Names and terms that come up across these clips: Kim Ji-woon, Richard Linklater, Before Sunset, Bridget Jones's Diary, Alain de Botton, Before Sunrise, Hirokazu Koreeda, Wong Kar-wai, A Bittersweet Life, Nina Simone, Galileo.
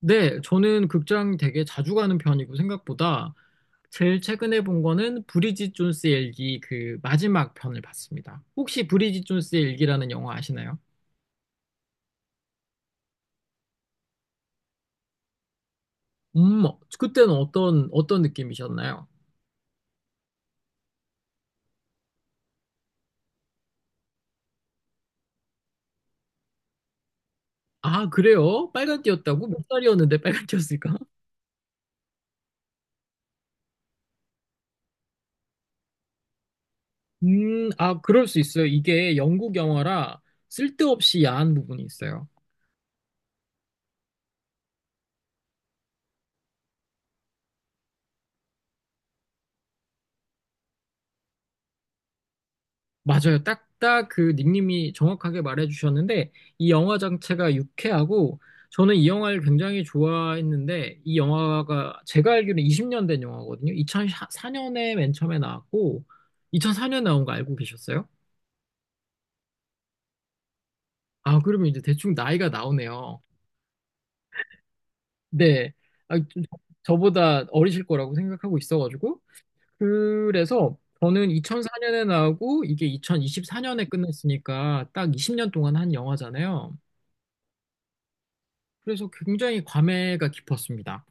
네, 저는 극장 되게 자주 가는 편이고 생각보다 제일 최근에 본 거는 브리짓 존스의 일기 그 마지막 편을 봤습니다. 혹시 브리짓 존스의 일기라는 영화 아시나요? 그때는 어떤 느낌이셨나요? 아, 그래요? 빨간 띠였다고? 몇 살이었는데 빨간 띠였을까? 그럴 수 있어요. 이게 영국 영화라 쓸데없이 야한 부분이 있어요. 맞아요. 딱딱 그 닉님이 정확하게 말해주셨는데, 이 영화 자체가 유쾌하고, 저는 이 영화를 굉장히 좋아했는데, 이 영화가 제가 알기로는 20년 된 영화거든요. 2004년에 맨 처음에 나왔고, 2004년에 나온 거 알고 계셨어요? 아, 그러면 이제 대충 나이가 나오네요. 네. 아, 저보다 어리실 거라고 생각하고 있어가지고. 그래서 저는 2004년에 나오고, 이게 2024년에 끝났으니까 딱 20년 동안 한 영화잖아요. 그래서 굉장히 감회가 깊었습니다.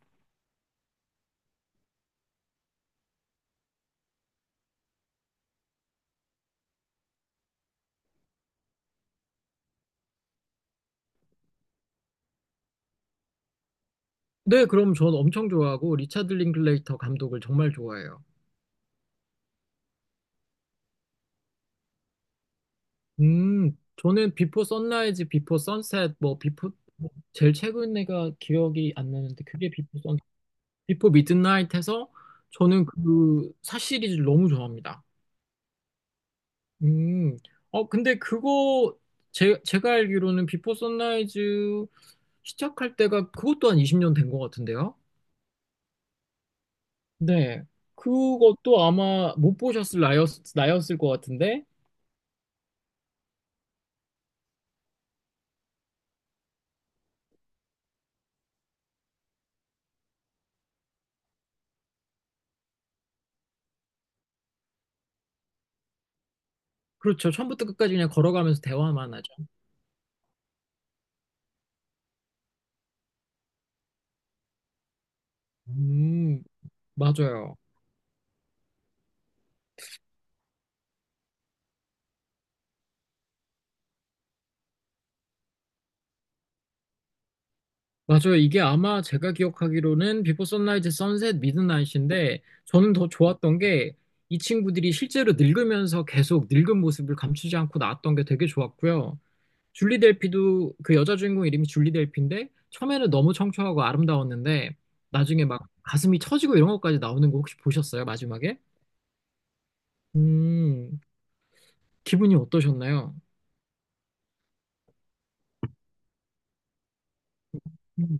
네, 그럼 전 엄청 좋아하고 리차드 링클레이터 감독을 정말 좋아해요. 저는 비포 선라이즈, 비포 선셋, 뭐 비포 제일 최근에가 기억이 안 나는데 그게 비포 미드나잇해서 저는 그 사시리즈 너무 좋아합니다. 음, 근데 그거 제 제가 알기로는 비포 선라이즈 시작할 때가 그것 또한 20년 된 것 같은데요? 네. 그것도 아마 못 보셨을 나였을 것 같은데. 그렇죠. 처음부터 끝까지 그냥 걸어가면서 대화만 하죠. 음, 맞아요. 맞아요. 이게 아마 제가 기억하기로는 비포 선라이즈, 선셋, 미드나잇인데 저는 더 좋았던 게 이 친구들이 실제로 늙으면서 계속 늙은 모습을 감추지 않고 나왔던 게 되게 좋았고요. 줄리 델피도 그 여자 주인공 이름이 줄리 델피인데 처음에는 너무 청초하고 아름다웠는데 나중에 막 가슴이 처지고 이런 것까지 나오는 거 혹시 보셨어요? 마지막에? 음, 기분이 어떠셨나요? 음,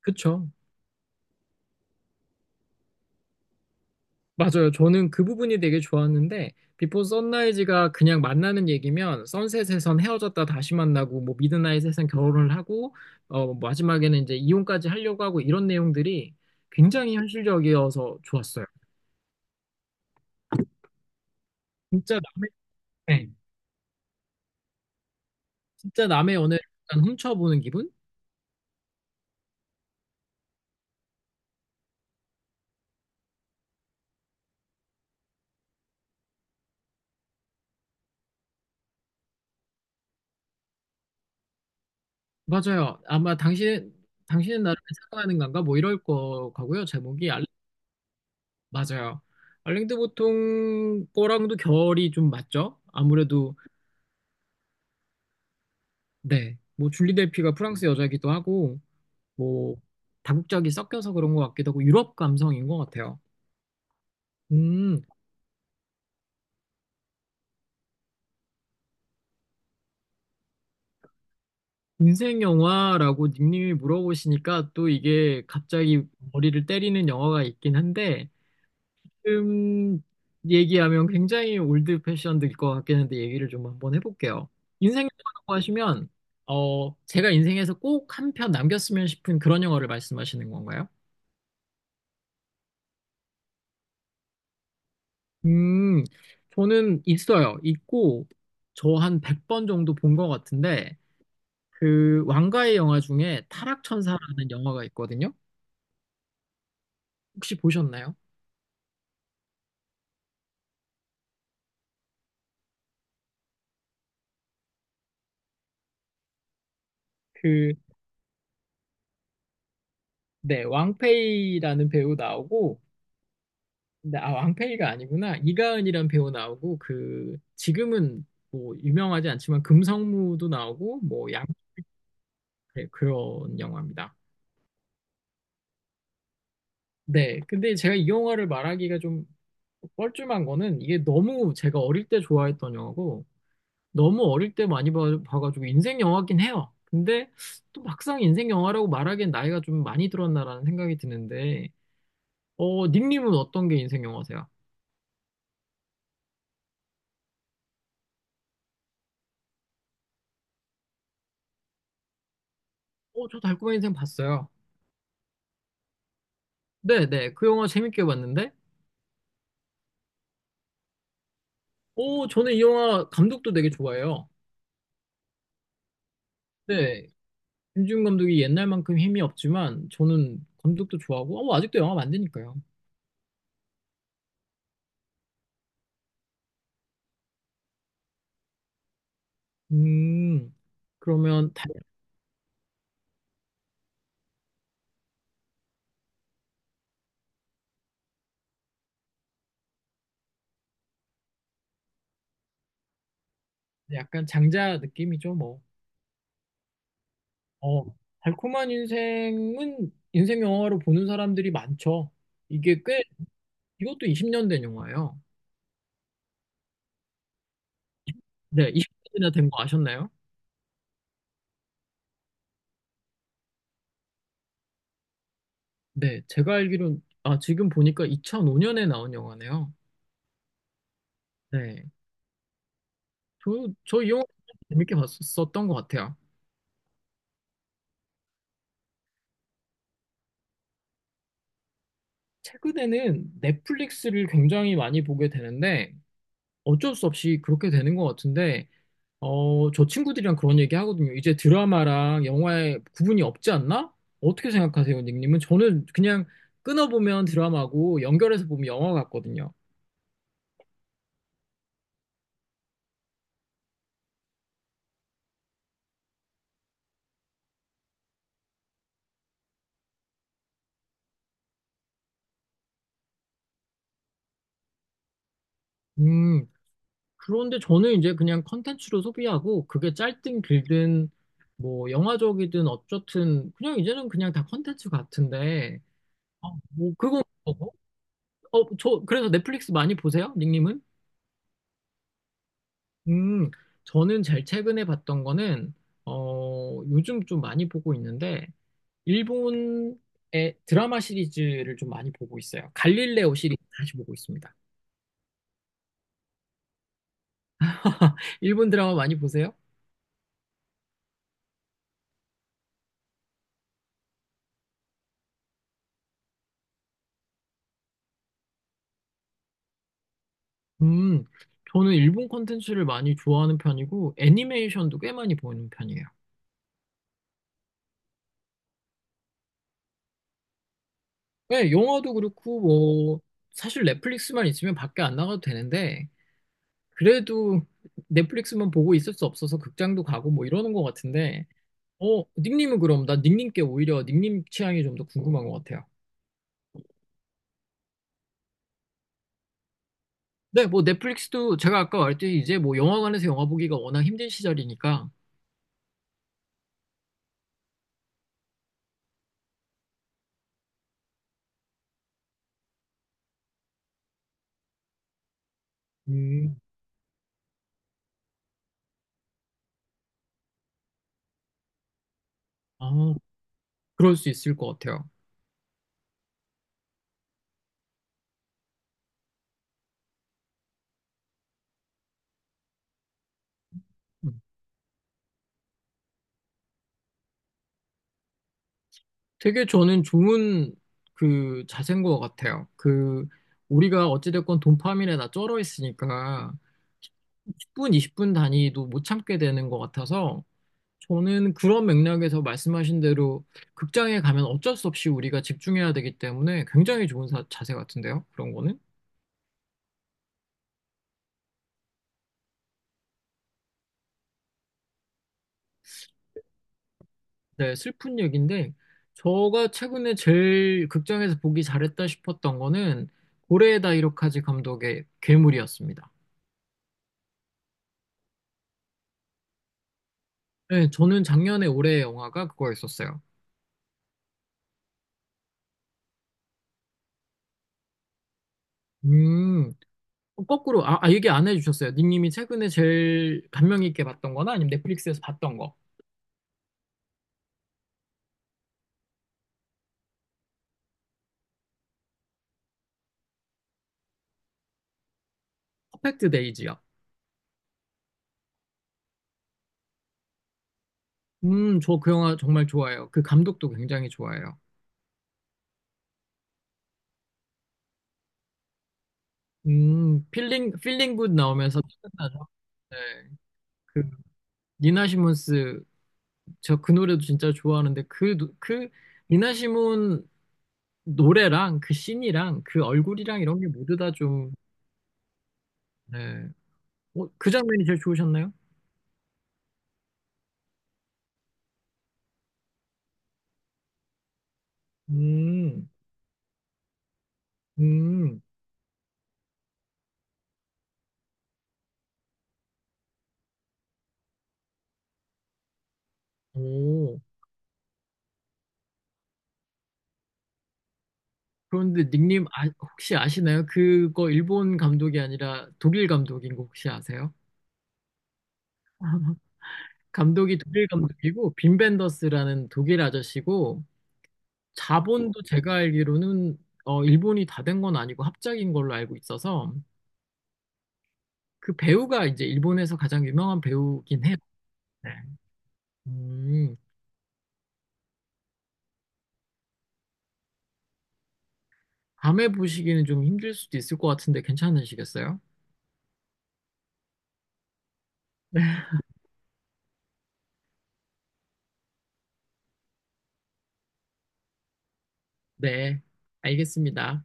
그쵸. 맞아요. 저는 그 부분이 되게 좋았는데, 비포 선라이즈가 그냥 만나는 얘기면, 선셋에선 헤어졌다 다시 만나고, 뭐, 미드나잇에선 결혼을 하고, 뭐 마지막에는 이제 이혼까지 하려고 하고, 이런 내용들이 굉장히 현실적이어서 좋았어요. 진짜 남의, 네, 진짜 남의 연애를 약간 훔쳐보는 기분? 맞아요. 아마 당신은 나를 사랑하는 건가? 뭐 이럴 거 같고요. 제목이. 맞아요. 알랭드 보통 거랑도 결이 좀 맞죠? 아무래도. 네. 뭐 줄리 del피가 프랑스 여자이기도 하고 뭐 다국적이 섞여서 그런 것 같기도 하고 유럽 감성인 것 같아요. 음, 인생 영화라고 님님이 물어보시니까 또 이게 갑자기 머리를 때리는 영화가 있긴 한데 지금 얘기하면 굉장히 올드 패션들 것 같긴 한데 얘기를 좀 한번 해볼게요. 인생 영화라고 하시면 제가 인생에서 꼭 한 편 남겼으면 싶은 그런 영화를 말씀하시는 건가요? 음 저는 있어요. 있고 저 한 100번 정도 본 것 같은데 그 왕가의 영화 중에 타락천사라는 영화가 있거든요. 혹시 보셨나요? 그 네, 왕페이라는 배우 나오고 근데 아, 왕팽이가 아니구나. 이가은이란 배우 나오고 그 지금은 뭐 유명하지 않지만 금성무도 나오고 뭐양 네, 그런 영화입니다. 네. 근데 제가 이 영화를 말하기가 좀 뻘쭘한 거는 이게 너무 제가 어릴 때 좋아했던 영화고 너무 어릴 때 많이 봐가지고 인생 영화긴 해요. 근데 또 막상 인생 영화라고 말하기엔 나이가 좀 많이 들었나라는 생각이 드는데 닉님은 어떤 게 인생 영화세요? 어, 저 달콤한 인생 봤어요. 네네, 그 영화 재밌게 봤는데 오, 저는 이 영화 감독도 되게 좋아해요. 네, 김지훈 감독이 옛날만큼 힘이 없지만 저는 감독도 좋아하고 아직도 영화 만드니까요. 음, 그러면. 약간 장자 느낌이죠, 뭐. 어, 달콤한 인생은 인생 영화로 보는 사람들이 많죠. 이게 꽤, 이것도 20년 된 영화예요. 네, 20년이나 된 거 아셨나요? 네, 제가 알기로 아, 지금 보니까 2005년에 나온 영화네요. 네, 저 이 영화 재밌게 봤었던 것 같아요. 최근에는 넷플릭스를 굉장히 많이 보게 되는데 어쩔 수 없이 그렇게 되는 것 같은데 저 친구들이랑 그런 얘기 하거든요. 이제 드라마랑 영화에 구분이 없지 않나? 어떻게 생각하세요, 닉님은? 저는 그냥 끊어보면 드라마고 연결해서 보면 영화 같거든요. 음, 그런데 저는 이제 그냥 컨텐츠로 소비하고 그게 짧든 길든 뭐 영화적이든 어쨌든 그냥 이제는 그냥 다 컨텐츠 같은데 아, 뭐 그건 뭐, 그래서 넷플릭스 많이 보세요? 닉님은? 음, 저는 제일 최근에 봤던 거는, 요즘 좀 많이 보고 있는데, 일본의 드라마 시리즈를 좀 많이 보고 있어요. 갈릴레오 시리즈 다시 보고 있습니다. 일본 드라마 많이 보세요? 음, 저는 일본 콘텐츠를 많이 좋아하는 편이고, 애니메이션도 꽤 많이 보는 편이에요. 네, 영화도 그렇고, 뭐, 사실 넷플릭스만 있으면 밖에 안 나가도 되는데, 그래도 넷플릭스만 보고 있을 수 없어서 극장도 가고 뭐 이러는 것 같은데, 닉님은 그럼 나 닉님께 오히려 닉님 취향이 좀 더 궁금한 것 같아요. 네, 뭐 넷플릭스도 제가 아까 말했듯이 이제 뭐 영화관에서 영화 보기가 워낙 힘든 시절이니까, 음, 아, 그럴 수 있을 것 같아요. 음. 되게 저는 좋은 그 자세인 것 같아요. 그, 우리가 어찌됐건 도파민에다 쩔어 있으니까 10분, 20분 단위도 못 참게 되는 것 같아서, 저는 그런 맥락에서 말씀하신 대로 극장에 가면 어쩔 수 없이 우리가 집중해야 되기 때문에 굉장히 좋은 자세 같은데요. 그런 거는. 네, 슬픈 얘기인데 제가 최근에 제일 극장에서 보기 잘했다 싶었던 거는 고레에다 이로카즈 감독의 괴물이었습니다. 네, 저는 작년에 올해의 영화가 그거였었어요. 음, 거꾸로 얘기 안 해주셨어요. 닉님이 최근에 제일 감명 있게 봤던 거나 아니면 넷플릭스에서 봤던 거. 퍼펙트 데이지요. 저 그 영화 정말 좋아요. 그 감독도 굉장히 좋아요. 필링 굿 나오면서 끝나죠. 네. 그, 니나 시몬스, 저 그 노래도 진짜 좋아하는데, 그, 그, 니나 시몬 노래랑 그 씬이랑 그 얼굴이랑 이런 게 모두 다 좀, 네. 그 장면이 제일 좋으셨나요? 음, 음, 오. 그런데 닉님, 아, 혹시 아시나요? 그거 일본 감독이 아니라 독일 감독인 거 혹시 아세요? 감독이 독일 감독이고 빈 벤더스라는 독일 아저씨고 자본도 제가 알기로는 일본이 다 된 건 아니고 합작인 걸로 알고 있어서 그 배우가 이제 일본에서 가장 유명한 배우긴 해요. 네. 음, 밤에 보시기는 좀 힘들 수도 있을 것 같은데 괜찮으시겠어요? 네, 알겠습니다.